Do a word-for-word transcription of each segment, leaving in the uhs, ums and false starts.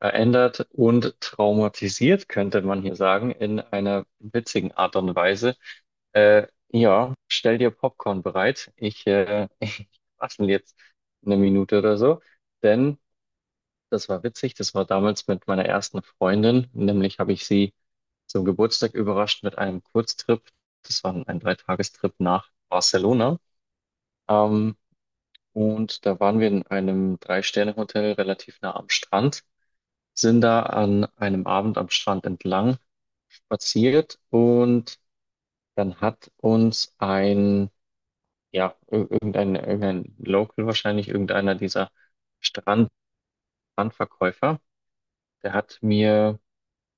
Verändert und traumatisiert, könnte man hier sagen, in einer witzigen Art und Weise. Äh, ja, Stell dir Popcorn bereit. Ich, äh, ich quassel jetzt eine Minute oder so, denn das war witzig. Das war damals mit meiner ersten Freundin. Nämlich habe ich sie zum Geburtstag überrascht mit einem Kurztrip. Das war ein Dreitagestrip nach Barcelona. Ähm, und da waren wir in einem Drei-Sterne-Hotel relativ nah am Strand, sind da an einem Abend am Strand entlang spaziert, und dann hat uns ein, ja, ir- irgendein, irgendein Local wahrscheinlich, irgendeiner dieser Strand Strandverkäufer, der hat mir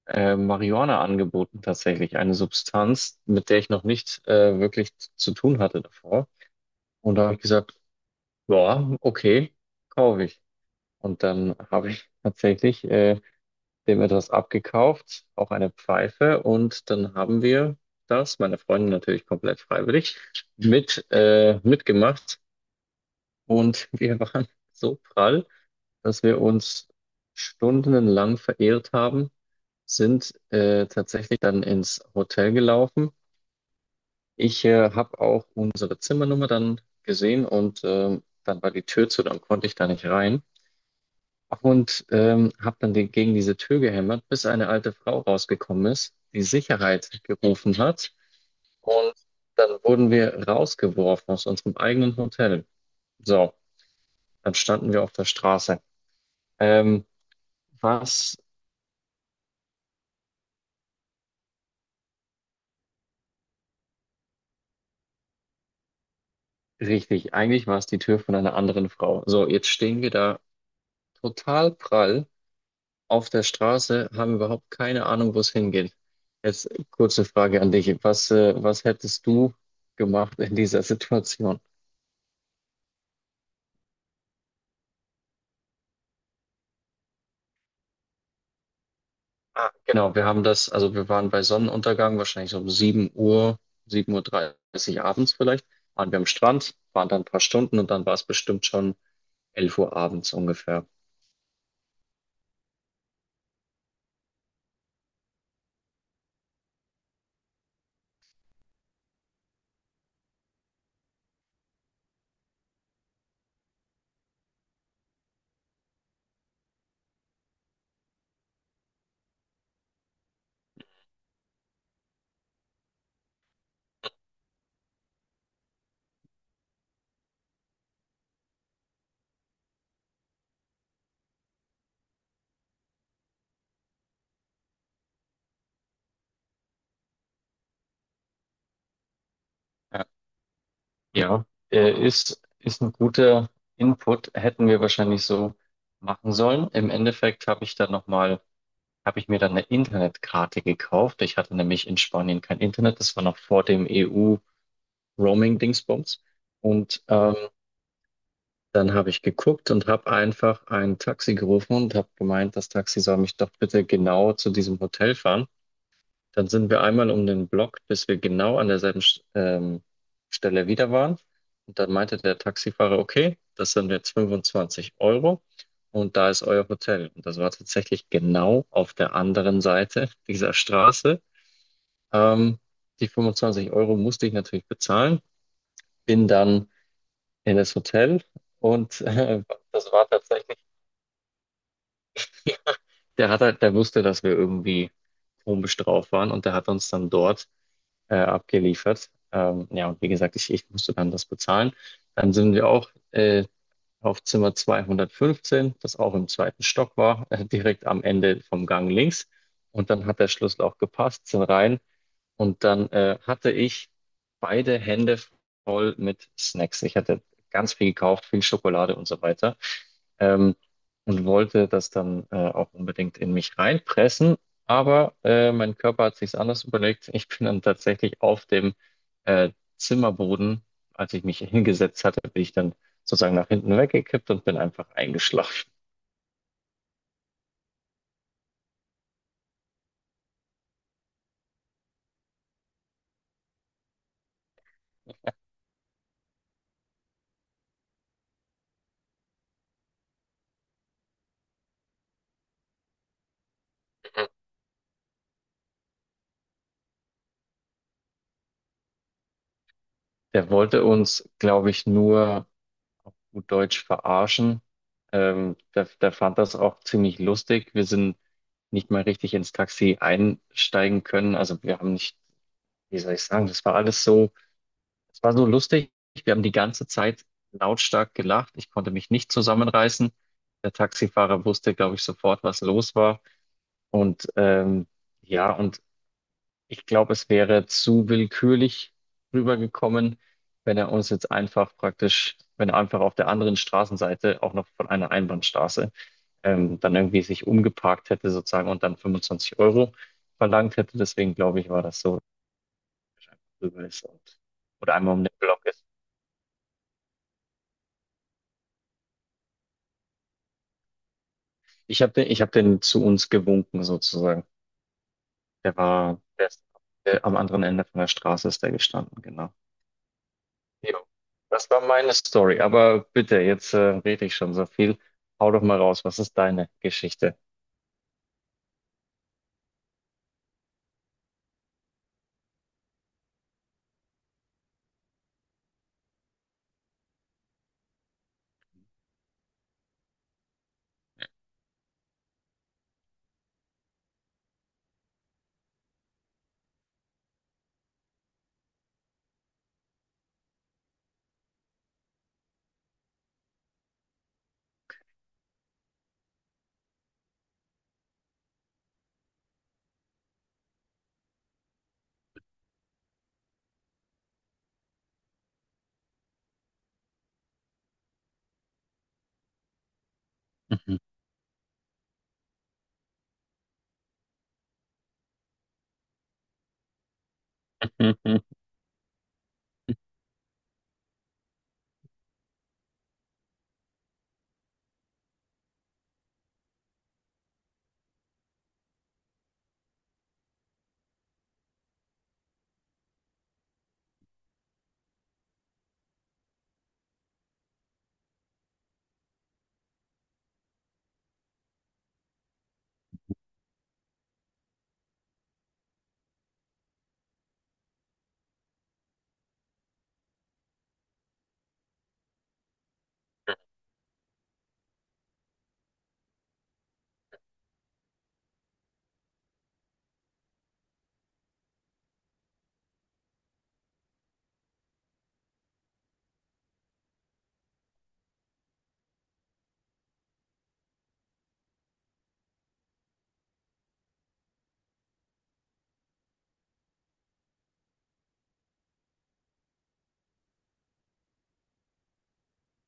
äh, Marihuana angeboten, tatsächlich, eine Substanz, mit der ich noch nicht äh, wirklich zu tun hatte davor. Und da habe ich gesagt, ja, okay, kaufe ich. Und dann habe ich tatsächlich äh, dem etwas abgekauft, auch eine Pfeife. Und dann haben wir das, meine Freundin natürlich komplett freiwillig, mit, äh, mitgemacht. Und wir waren so prall, dass wir uns stundenlang verehrt haben, sind äh, tatsächlich dann ins Hotel gelaufen. Ich äh, habe auch unsere Zimmernummer dann gesehen, und ähm, dann war die Tür zu, dann konnte ich da nicht rein. Und ähm, habe dann die, gegen diese Tür gehämmert, bis eine alte Frau rausgekommen ist, die Sicherheit gerufen hat. Und dann wurden wir rausgeworfen aus unserem eigenen Hotel. So, dann standen wir auf der Straße. Ähm, Was richtig, eigentlich war es die Tür von einer anderen Frau. So, jetzt stehen wir da total prall auf der Straße, haben überhaupt keine Ahnung, wo es hingeht. Jetzt kurze Frage an dich. Was, äh, was hättest du gemacht in dieser Situation? Ah, genau, wir haben das, also wir waren bei Sonnenuntergang, wahrscheinlich so um sieben Uhr, sieben Uhr dreißig abends vielleicht, waren wir am Strand, waren dann ein paar Stunden, und dann war es bestimmt schon elf Uhr abends ungefähr. Ja, ja äh, ist, ist ein guter Input, hätten wir wahrscheinlich so machen sollen. Im Endeffekt habe ich dann nochmal, habe ich mir dann eine Internetkarte gekauft. Ich hatte nämlich in Spanien kein Internet, das war noch vor dem E U-Roaming-Dingsbums. Und äh, dann habe ich geguckt und habe einfach ein Taxi gerufen und habe gemeint, das Taxi soll mich doch bitte genau zu diesem Hotel fahren. Dann sind wir einmal um den Block, bis wir genau an derselben Sch- ähm, Stelle wieder waren. Und dann meinte der Taxifahrer, okay, das sind jetzt fünfundzwanzig Euro und da ist euer Hotel. Und das war tatsächlich genau auf der anderen Seite dieser Straße. Ähm, Die fünfundzwanzig Euro musste ich natürlich bezahlen, bin dann in das Hotel und äh, das war tatsächlich. Der hat halt, der wusste, dass wir irgendwie komisch drauf waren, und der hat uns dann dort äh, abgeliefert. Ähm, ja, und wie gesagt, ich, ich musste dann das bezahlen. Dann sind wir auch äh, auf Zimmer zweihundertfünfzehn, das auch im zweiten Stock war, äh, direkt am Ende vom Gang links. Und dann hat der Schlüssel auch gepasst, sind rein. Und dann äh, hatte ich beide Hände voll mit Snacks. Ich hatte ganz viel gekauft, viel Schokolade und so weiter. Ähm, und wollte das dann äh, auch unbedingt in mich reinpressen. Aber äh, mein Körper hat sich's anders überlegt. Ich bin dann tatsächlich auf dem äh, Zimmerboden, als ich mich hingesetzt hatte, bin ich dann sozusagen nach hinten weggekippt und bin einfach eingeschlafen. Der wollte uns, glaube ich, nur gut Deutsch verarschen. Ähm, der, der fand das auch ziemlich lustig. Wir sind nicht mal richtig ins Taxi einsteigen können. Also wir haben nicht, wie soll ich sagen, das war alles so, es war so lustig. Wir haben die ganze Zeit lautstark gelacht. Ich konnte mich nicht zusammenreißen. Der Taxifahrer wusste, glaube ich, sofort, was los war. Und ähm, ja, und ich glaube, es wäre zu willkürlich rübergekommen, wenn er uns jetzt einfach praktisch, wenn er einfach auf der anderen Straßenseite, auch noch von einer Einbahnstraße, ähm, dann irgendwie sich umgeparkt hätte sozusagen und dann fünfundzwanzig Euro verlangt hätte. Deswegen glaube ich, war das so, dass er einfach rüber ist und oder einmal um den Block ist. Ich habe den, ich habe den zu uns gewunken sozusagen. Der war, der ist, der, Am anderen Ende von der Straße ist der gestanden, genau. Jo, das war meine Story. Aber bitte, jetzt äh, rede ich schon so viel. Hau doch mal raus, was ist deine Geschichte?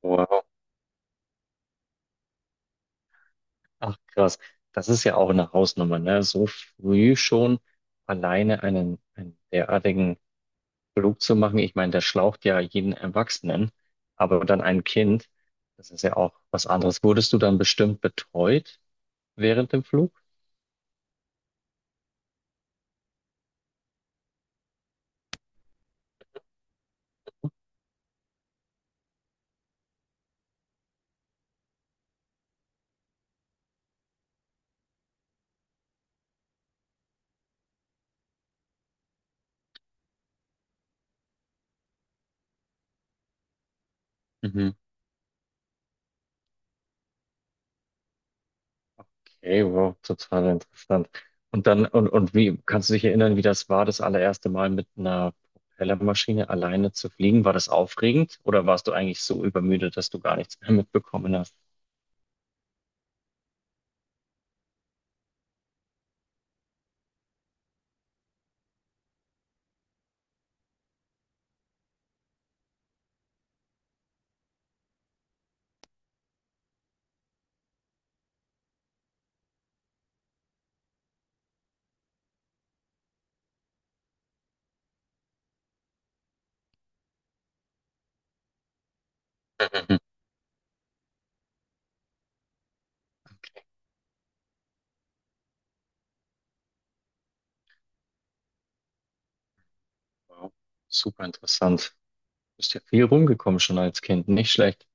Wow, ach krass. Das ist ja auch eine Hausnummer, ne? So früh schon alleine einen, einen derartigen Flug zu machen. Ich meine, der schlaucht ja jeden Erwachsenen, aber dann ein Kind, das ist ja auch was anderes. Wurdest du dann bestimmt betreut während dem Flug? Okay, wow, total interessant. Und dann, und, und wie, kannst du dich erinnern, wie das war, das allererste Mal mit einer Propellermaschine alleine zu fliegen? War das aufregend, oder warst du eigentlich so übermüdet, dass du gar nichts mehr mitbekommen hast? Mhm. Wow, super interessant. Bist ja viel rumgekommen schon als Kind, nicht schlecht.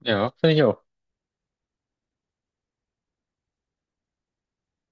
Ja, finde ich auch.